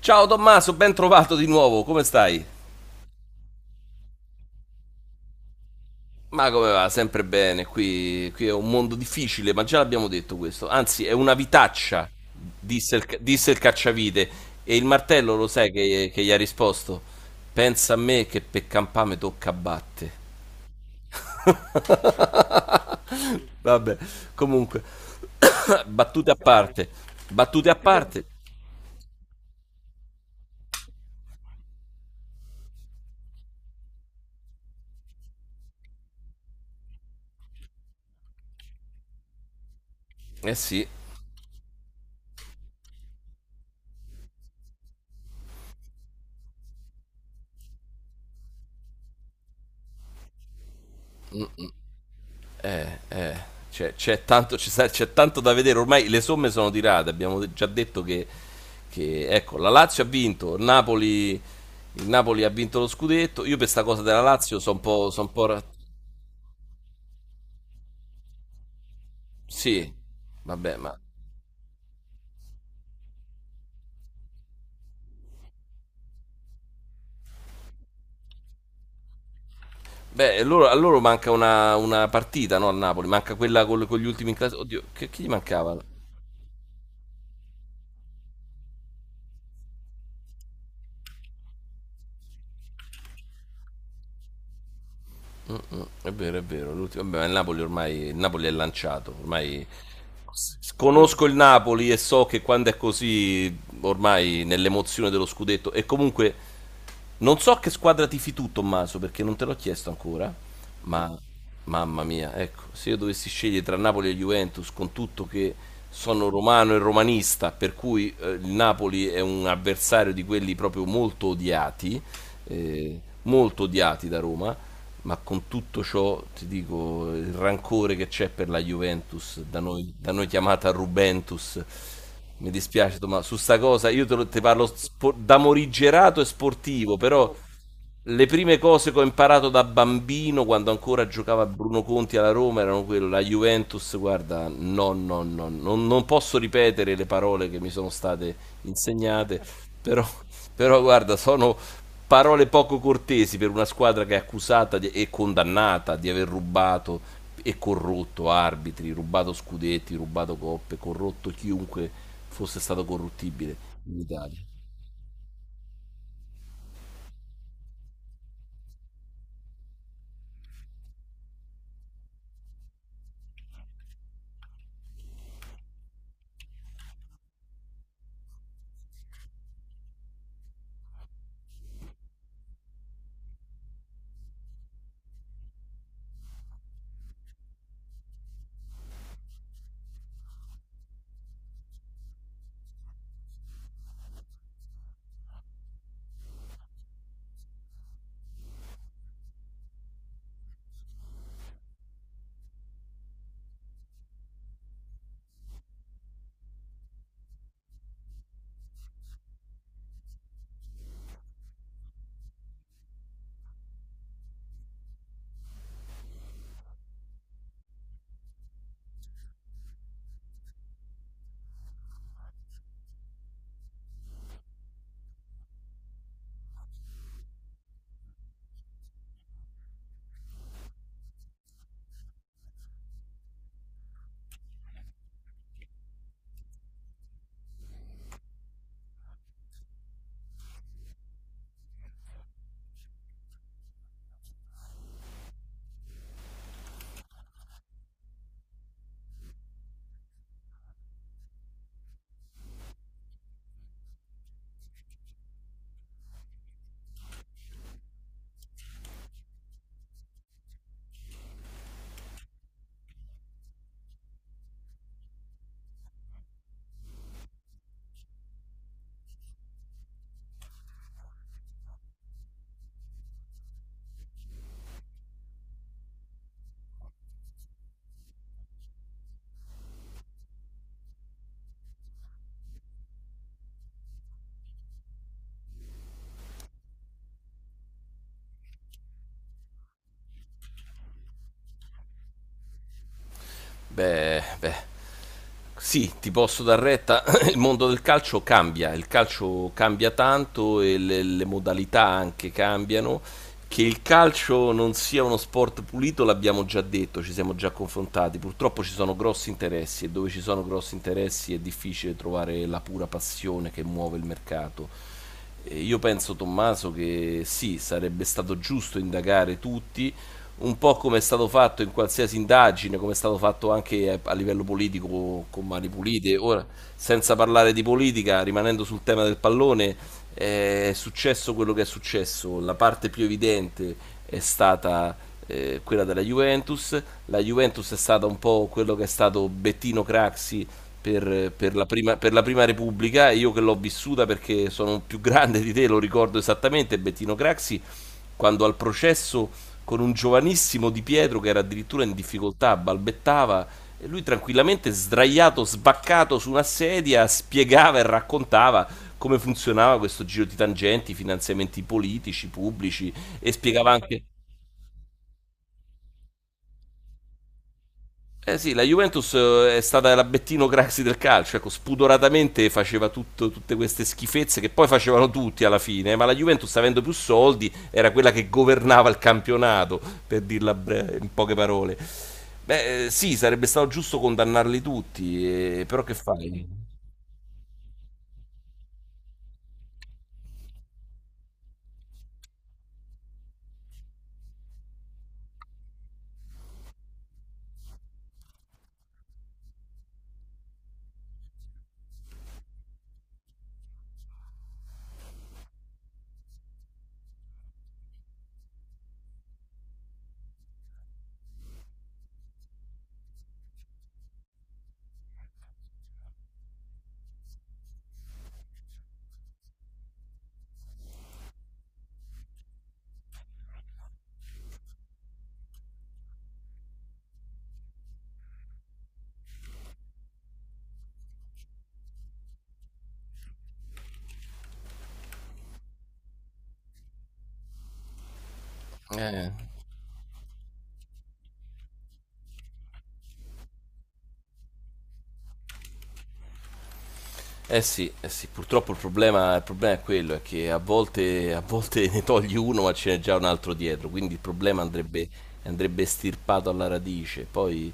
Ciao Tommaso, ben trovato di nuovo, come stai? Ma come va? Sempre bene, qui è un mondo difficile, ma già l'abbiamo detto questo. Anzi, è una vitaccia, disse disse il cacciavite. E il martello lo sai che gli ha risposto? Pensa a me che per campame tocca batte. Vabbè, comunque, battute a parte, battute a parte. Eh sì, Eh, eh, c'è tanto, c'è tanto da vedere, ormai le somme sono tirate, abbiamo già detto che, ecco, la Lazio ha vinto, il Napoli ha vinto lo scudetto, io per sta cosa della Lazio sono un po'. Son un po' ra- Sì, vabbè, ma... Beh, a loro manca una partita, no? Al Napoli, manca quella con gli ultimi in classe. Oddio, chi gli mancava? Mm, è vero, è vero, l'ultimo. Vabbè, ma il Napoli ormai, il Napoli è lanciato, ormai conosco il Napoli e so che quando è così, ormai nell'emozione dello scudetto, e comunque non so che squadra tifi tu, Tommaso, perché non te l'ho chiesto ancora, ma mamma mia, ecco, se io dovessi scegliere tra Napoli e Juventus, con tutto che sono romano e romanista, per cui il Napoli è un avversario di quelli proprio molto odiati da Roma, ma con tutto ciò ti dico il rancore che c'è per la Juventus, da noi chiamata Rubentus. Mi dispiace, ma su sta cosa io te parlo da morigerato e sportivo, però le prime cose che ho imparato da bambino quando ancora giocava Bruno Conti alla Roma erano quelle, la Juventus, guarda, no, non posso ripetere le parole che mi sono state insegnate, però, però guarda, sono parole poco cortesi per una squadra che è accusata di- e condannata di aver rubato e corrotto arbitri, rubato scudetti, rubato coppe, corrotto chiunque fosse stato corruttibile in Italia. Beh, beh. Sì, ti posso dar retta, il mondo del calcio cambia, il calcio cambia tanto e le modalità anche cambiano. Che il calcio non sia uno sport pulito l'abbiamo già detto, ci siamo già confrontati. Purtroppo ci sono grossi interessi e dove ci sono grossi interessi è difficile trovare la pura passione che muove il mercato. Io penso, Tommaso, che sì, sarebbe stato giusto indagare tutti, un po' come è stato fatto in qualsiasi indagine, come è stato fatto anche a livello politico con mani pulite. Ora, senza parlare di politica, rimanendo sul tema del pallone, è successo quello che è successo. La parte più evidente è stata quella della Juventus. La Juventus è stata un po' quello che è stato Bettino Craxi per la prima Repubblica, e io che l'ho vissuta perché sono più grande di te, lo ricordo esattamente, Bettino Craxi, quando al processo con un giovanissimo Di Pietro che era addirittura in difficoltà, balbettava, e lui tranquillamente sdraiato, sbaccato su una sedia, spiegava e raccontava come funzionava questo giro di tangenti, finanziamenti politici, pubblici, e spiegava anche... Eh sì, la Juventus è stata la Bettino Craxi del calcio, ecco, spudoratamente faceva tutte queste schifezze che poi facevano tutti alla fine, ma la Juventus avendo più soldi era quella che governava il campionato, per dirla in poche parole. Beh, sì, sarebbe stato giusto condannarli tutti, però che fai? Eh, sì, eh sì, purtroppo il problema è quello, è che a volte ne togli uno ma ce n'è già un altro dietro, quindi il problema andrebbe, andrebbe estirpato alla radice. Poi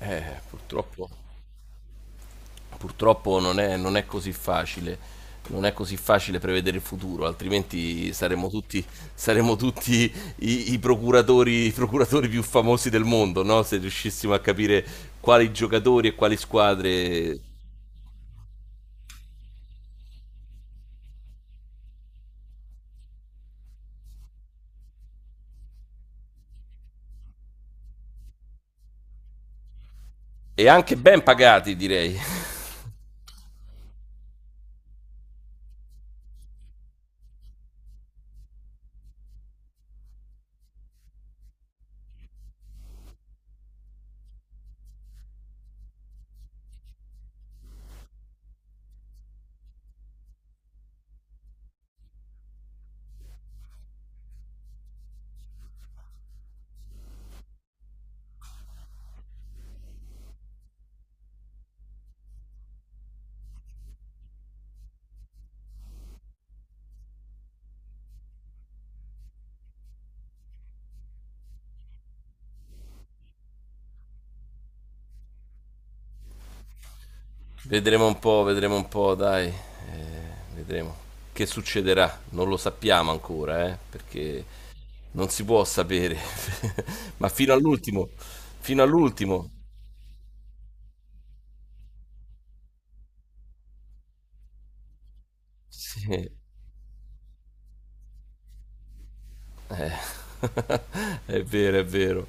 eh, purtroppo, purtroppo non è così facile, non è così facile prevedere il futuro, altrimenti saremmo tutti i procuratori più famosi del mondo, no? Se riuscissimo a capire quali giocatori e quali squadre, e anche ben pagati, direi. Vedremo un po', dai. Vedremo che succederà. Non lo sappiamo ancora, perché non si può sapere. Ma fino all'ultimo, fino all'ultimo. Sì. Eh, è vero, è vero.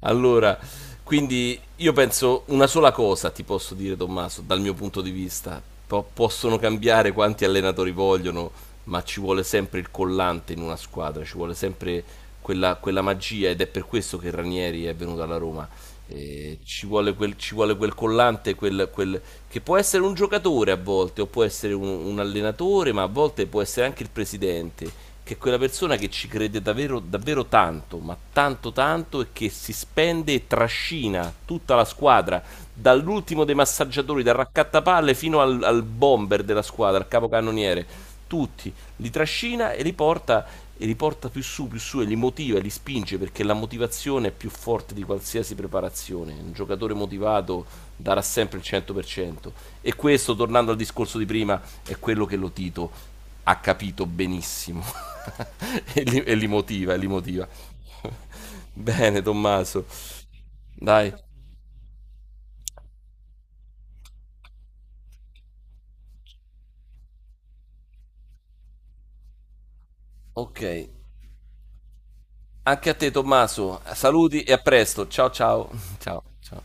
Allora, quindi io penso una sola cosa ti posso dire, Tommaso, dal mio punto di vista. Possono cambiare quanti allenatori vogliono, ma ci vuole sempre il collante in una squadra, ci vuole sempre quella magia ed è per questo che Ranieri è venuto alla Roma. Ci vuole quel collante, che può essere un giocatore a volte, o può essere un allenatore, ma a volte può essere anche il presidente che è quella persona che ci crede davvero, davvero tanto, ma tanto tanto, e che si spende e trascina tutta la squadra, dall'ultimo dei massaggiatori, dal raccattapalle fino al bomber della squadra, al capocannoniere, tutti, li trascina e li porta più su, e li motiva, e li spinge, perché la motivazione è più forte di qualsiasi preparazione. Un giocatore motivato darà sempre il 100%. E questo, tornando al discorso di prima, è quello che lo Tito ha capito benissimo e li motiva, e li motiva. Bene, Tommaso. Dai, ok. Anche a te, Tommaso. Saluti e a presto. Ciao, ciao. Ciao, ciao.